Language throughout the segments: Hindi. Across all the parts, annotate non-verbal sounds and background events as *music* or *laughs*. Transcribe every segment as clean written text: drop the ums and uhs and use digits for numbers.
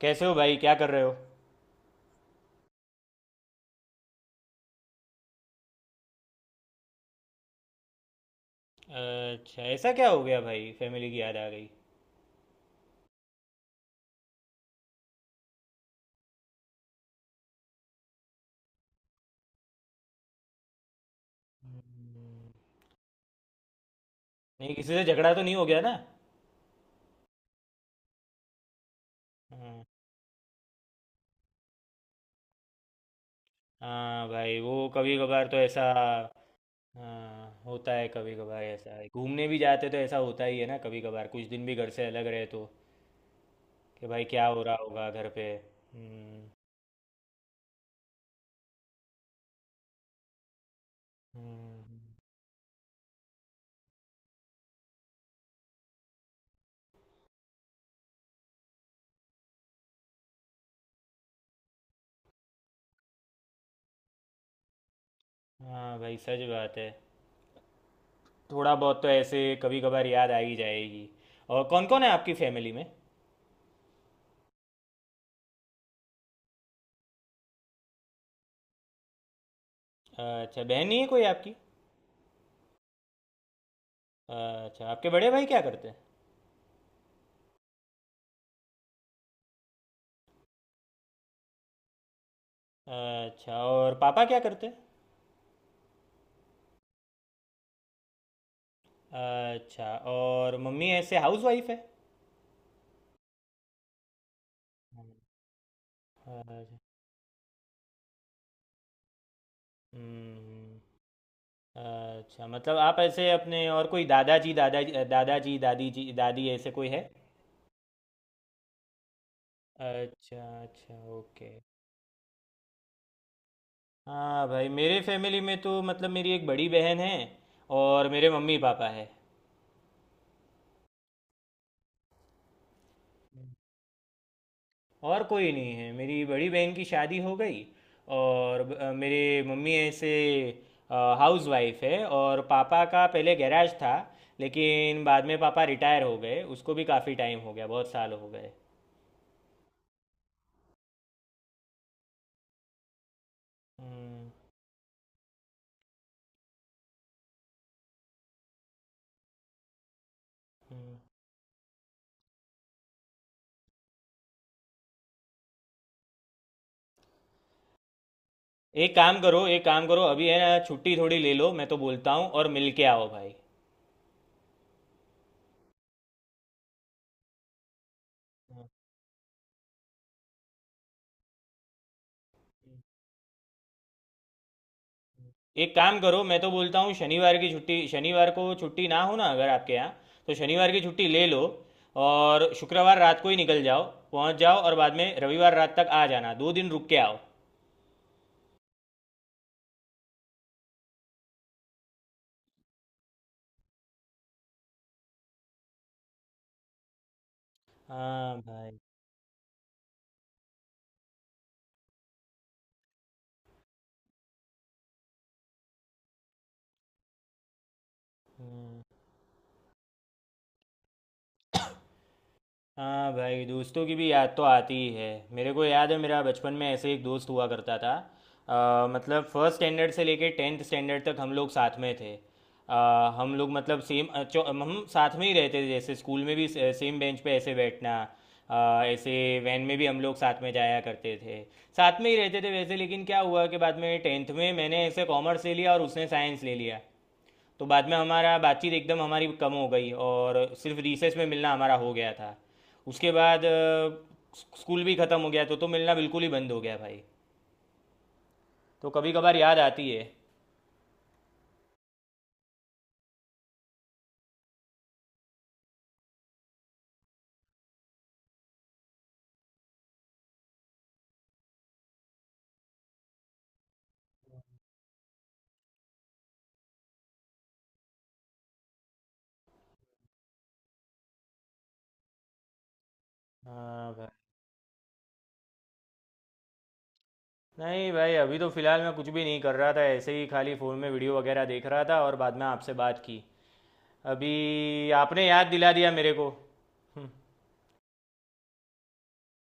कैसे हो भाई? क्या कर रहे हो? अच्छा, ऐसा क्या हो गया भाई? फैमिली की याद आ गई? नहीं, किसी से झगड़ा तो नहीं हो गया ना? हाँ। हाँ भाई, वो कभी कभार तो ऐसा। हाँ, होता है कभी कभार ऐसा है। घूमने भी जाते तो ऐसा होता ही है ना, कभी कभार कुछ दिन भी घर से अलग रहे तो। कि भाई क्या हो रहा होगा घर पे। हम्म। हम्म, हाँ भाई, सच बात है। थोड़ा बहुत तो ऐसे कभी कभार याद आ ही जाएगी। और कौन कौन है आपकी फैमिली में? अच्छा, बहन नहीं है कोई आपकी? अच्छा, आपके बड़े भाई क्या करते हैं? अच्छा, और पापा क्या करते हैं? अच्छा, और मम्मी ऐसे हाउस वाइफ है? अच्छा। हम्म, अच्छा, मतलब आप ऐसे अपने, और कोई दादाजी दादाजी दादाजी दादी जी दादी ऐसे कोई है? अच्छा, अच्छा, ओके। हाँ भाई, मेरे फैमिली में तो मतलब मेरी एक बड़ी बहन है, और मेरे मम्मी पापा है। और कोई नहीं है। मेरी बड़ी बहन की शादी हो गई, और मेरे मम्मी ऐसे हाउस वाइफ है, और पापा का पहले गैराज था, लेकिन बाद में पापा रिटायर हो गए, उसको भी काफ़ी टाइम हो गया, बहुत साल हो गए। हम्म। हम्म। एक काम करो, एक काम करो अभी, है ना? छुट्टी थोड़ी ले लो, मैं तो बोलता हूँ, और मिल के आओ भाई। हाँ। एक काम करो, मैं तो बोलता हूँ शनिवार की छुट्टी, शनिवार को छुट्टी ना हो ना अगर आपके यहाँ, तो शनिवार की छुट्टी ले लो, और शुक्रवार रात को ही निकल जाओ, पहुँच जाओ, और बाद में रविवार रात तक आ जाना, 2 दिन रुक के आओ। हाँ भाई। हाँ भाई, दोस्तों की भी याद तो आती ही है। मेरे को याद है, मेरा बचपन में ऐसे एक दोस्त हुआ करता था। मतलब फर्स्ट स्टैंडर्ड से लेके टेंथ स्टैंडर्ड तक हम लोग साथ में थे। हम लोग मतलब सेम, हम साथ में ही रहते थे, जैसे स्कूल में भी सेम बेंच पे ऐसे बैठना। ऐसे वैन में भी हम लोग साथ में जाया करते थे, साथ में ही रहते थे वैसे, लेकिन क्या हुआ कि बाद में टेंथ में मैंने ऐसे कॉमर्स ले लिया और उसने साइंस ले लिया। तो बाद में हमारा बातचीत एकदम हमारी कम हो गई, और सिर्फ रिसेस में मिलना हमारा हो गया था। उसके बाद स्कूल भी ख़त्म हो गया, तो मिलना बिल्कुल ही बंद हो गया भाई। तो कभी कभार याद आती है। हाँ भाई। नहीं भाई, अभी तो फ़िलहाल मैं कुछ भी नहीं कर रहा था, ऐसे ही खाली फ़ोन में वीडियो वगैरह देख रहा था, और बाद में आपसे बात की। अभी आपने याद दिला दिया मेरे को। हम्म,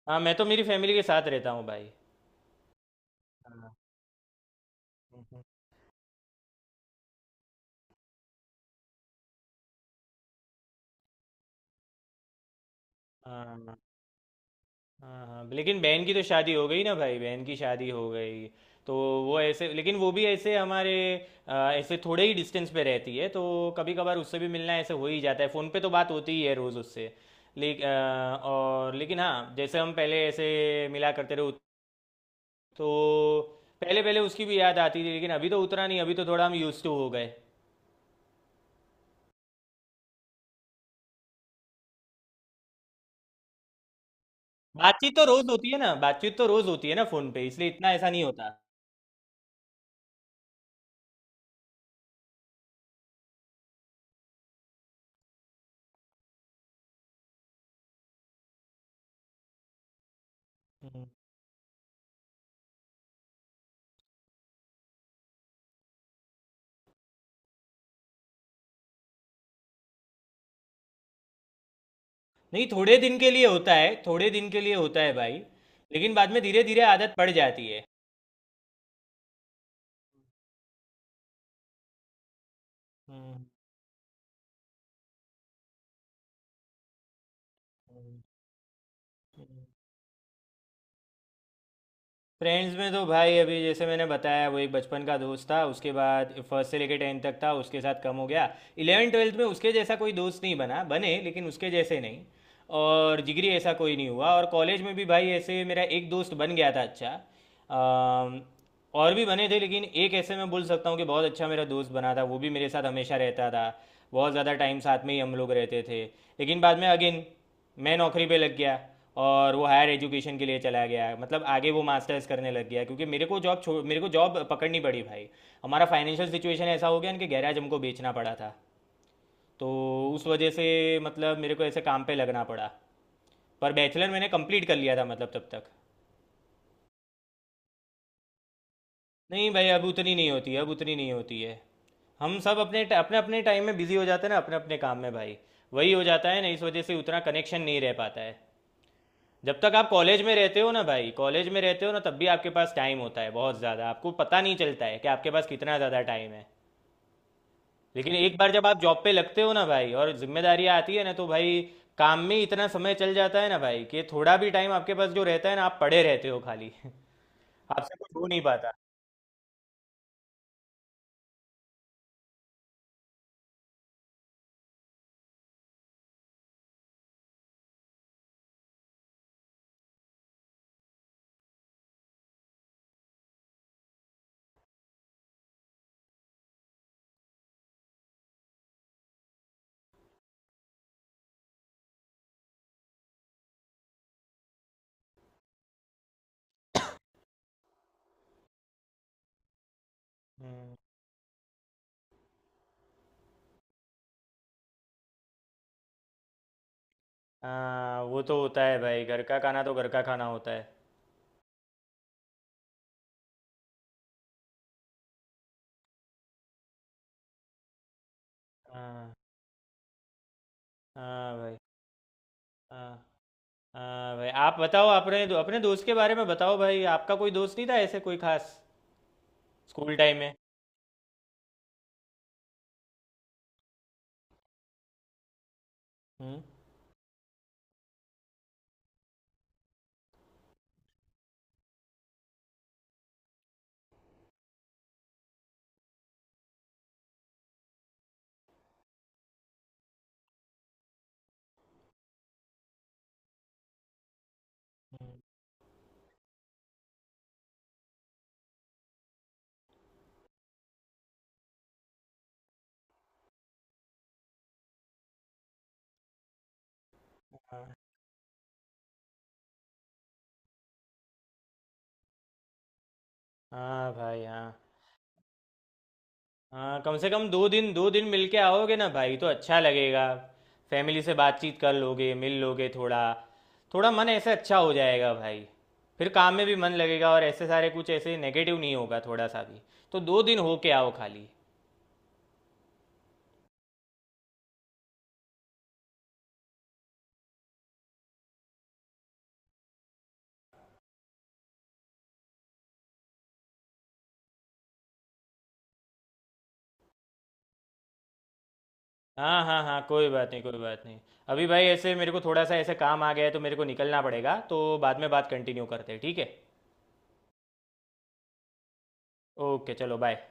हाँ, मैं तो मेरी फैमिली के साथ रहता हूँ भाई। हाँ, हाँ। हाँ, हाँ, लेकिन बहन की तो शादी हो गई ना भाई, बहन की शादी हो गई। तो वो ऐसे, लेकिन वो भी ऐसे हमारे ऐसे थोड़े ही डिस्टेंस पे रहती है, तो कभी कभार उससे भी मिलना ऐसे हो ही जाता है, फ़ोन पे तो बात होती ही है रोज़ उससे, लेकिन, और लेकिन हाँ जैसे हम पहले ऐसे मिला करते रहे तो पहले पहले उसकी भी याद आती थी, लेकिन अभी तो उतना नहीं, अभी तो थोड़ा हम यूज्ड टू हो गए। बातचीत तो रोज़ होती है ना, बातचीत तो रोज़ होती है ना फ़ोन पे, इसलिए इतना ऐसा नहीं होता। नहीं, थोड़े दिन के लिए होता है, थोड़े दिन के लिए होता है भाई। लेकिन बाद में धीरे धीरे आदत पड़ जाती है। फ्रेंड्स में तो भाई अभी जैसे मैंने बताया, वो एक बचपन का दोस्त था, उसके बाद फर्स्ट से लेके टेंथ तक था, उसके साथ कम हो गया। इलेवन ट्वेल्थ में उसके जैसा कोई दोस्त नहीं बना, बने लेकिन उसके जैसे नहीं, और जिगरी ऐसा कोई नहीं हुआ। और कॉलेज में भी भाई ऐसे मेरा एक दोस्त बन गया था अच्छा। अम, और भी बने थे, लेकिन एक ऐसे मैं बोल सकता हूँ कि बहुत अच्छा मेरा दोस्त बना था, वो भी मेरे साथ हमेशा रहता था, बहुत ज़्यादा टाइम साथ में ही हम लोग रहते थे। लेकिन बाद में अगेन मैं नौकरी पे लग गया, और वो हायर एजुकेशन के लिए चला गया, मतलब आगे वो मास्टर्स करने लग गया, क्योंकि मेरे को जॉब पकड़नी पड़ी भाई। हमारा फाइनेंशियल सिचुएशन ऐसा हो गया ना कि गैराज हमको बेचना पड़ा था, तो उस वजह से, मतलब मेरे को ऐसे काम पे लगना पड़ा। पर बैचलर मैंने कंप्लीट कर लिया था, मतलब तब तक। नहीं भाई, अब उतनी नहीं होती है, अब उतनी नहीं होती है। हम सब अपने अपने अपने टाइम में बिजी हो जाते हैं ना, अपने अपने काम में भाई। वही हो जाता है ना, इस वजह से उतना कनेक्शन नहीं रह पाता है। जब तक आप कॉलेज में रहते हो ना भाई, कॉलेज में रहते हो ना, तब भी आपके पास टाइम होता है बहुत ज़्यादा, आपको पता नहीं चलता है कि आपके पास कितना ज़्यादा टाइम है। लेकिन एक बार जब आप जॉब पे लगते हो ना भाई, और जिम्मेदारियाँ आती है ना, तो भाई काम में इतना समय चल जाता है ना भाई, कि थोड़ा भी टाइम आपके पास जो रहता है ना, आप पड़े रहते हो खाली, *laughs* आपसे कुछ हो नहीं पाता। हम्म। हाँ, वो तो होता है भाई, घर का खाना तो घर का खाना होता है। हाँ। हाँ भाई। हाँ, हाँ भाई, आप बताओ अपने अपने दोस्त के बारे में बताओ भाई, आपका कोई दोस्त नहीं था ऐसे कोई खास? स्कूल टाइम में। हम्म। हम्म। हाँ भाई। हाँ, हाँ, कम से कम 2 दिन, 2 दिन मिलके आओगे ना भाई, तो अच्छा लगेगा। फैमिली से बातचीत कर लोगे, मिल लोगे थोड़ा, थोड़ा मन ऐसे अच्छा हो जाएगा भाई। फिर काम में भी मन लगेगा, और ऐसे सारे कुछ ऐसे नेगेटिव नहीं होगा थोड़ा सा भी। तो 2 दिन होके आओ खाली। हाँ, हाँ, हाँ, कोई बात नहीं, कोई बात नहीं। अभी भाई ऐसे मेरे को थोड़ा सा ऐसे काम आ गया है, तो मेरे को निकलना पड़ेगा, तो बाद में बात कंटिन्यू करते हैं, ठीक है? ओके, चलो, बाय।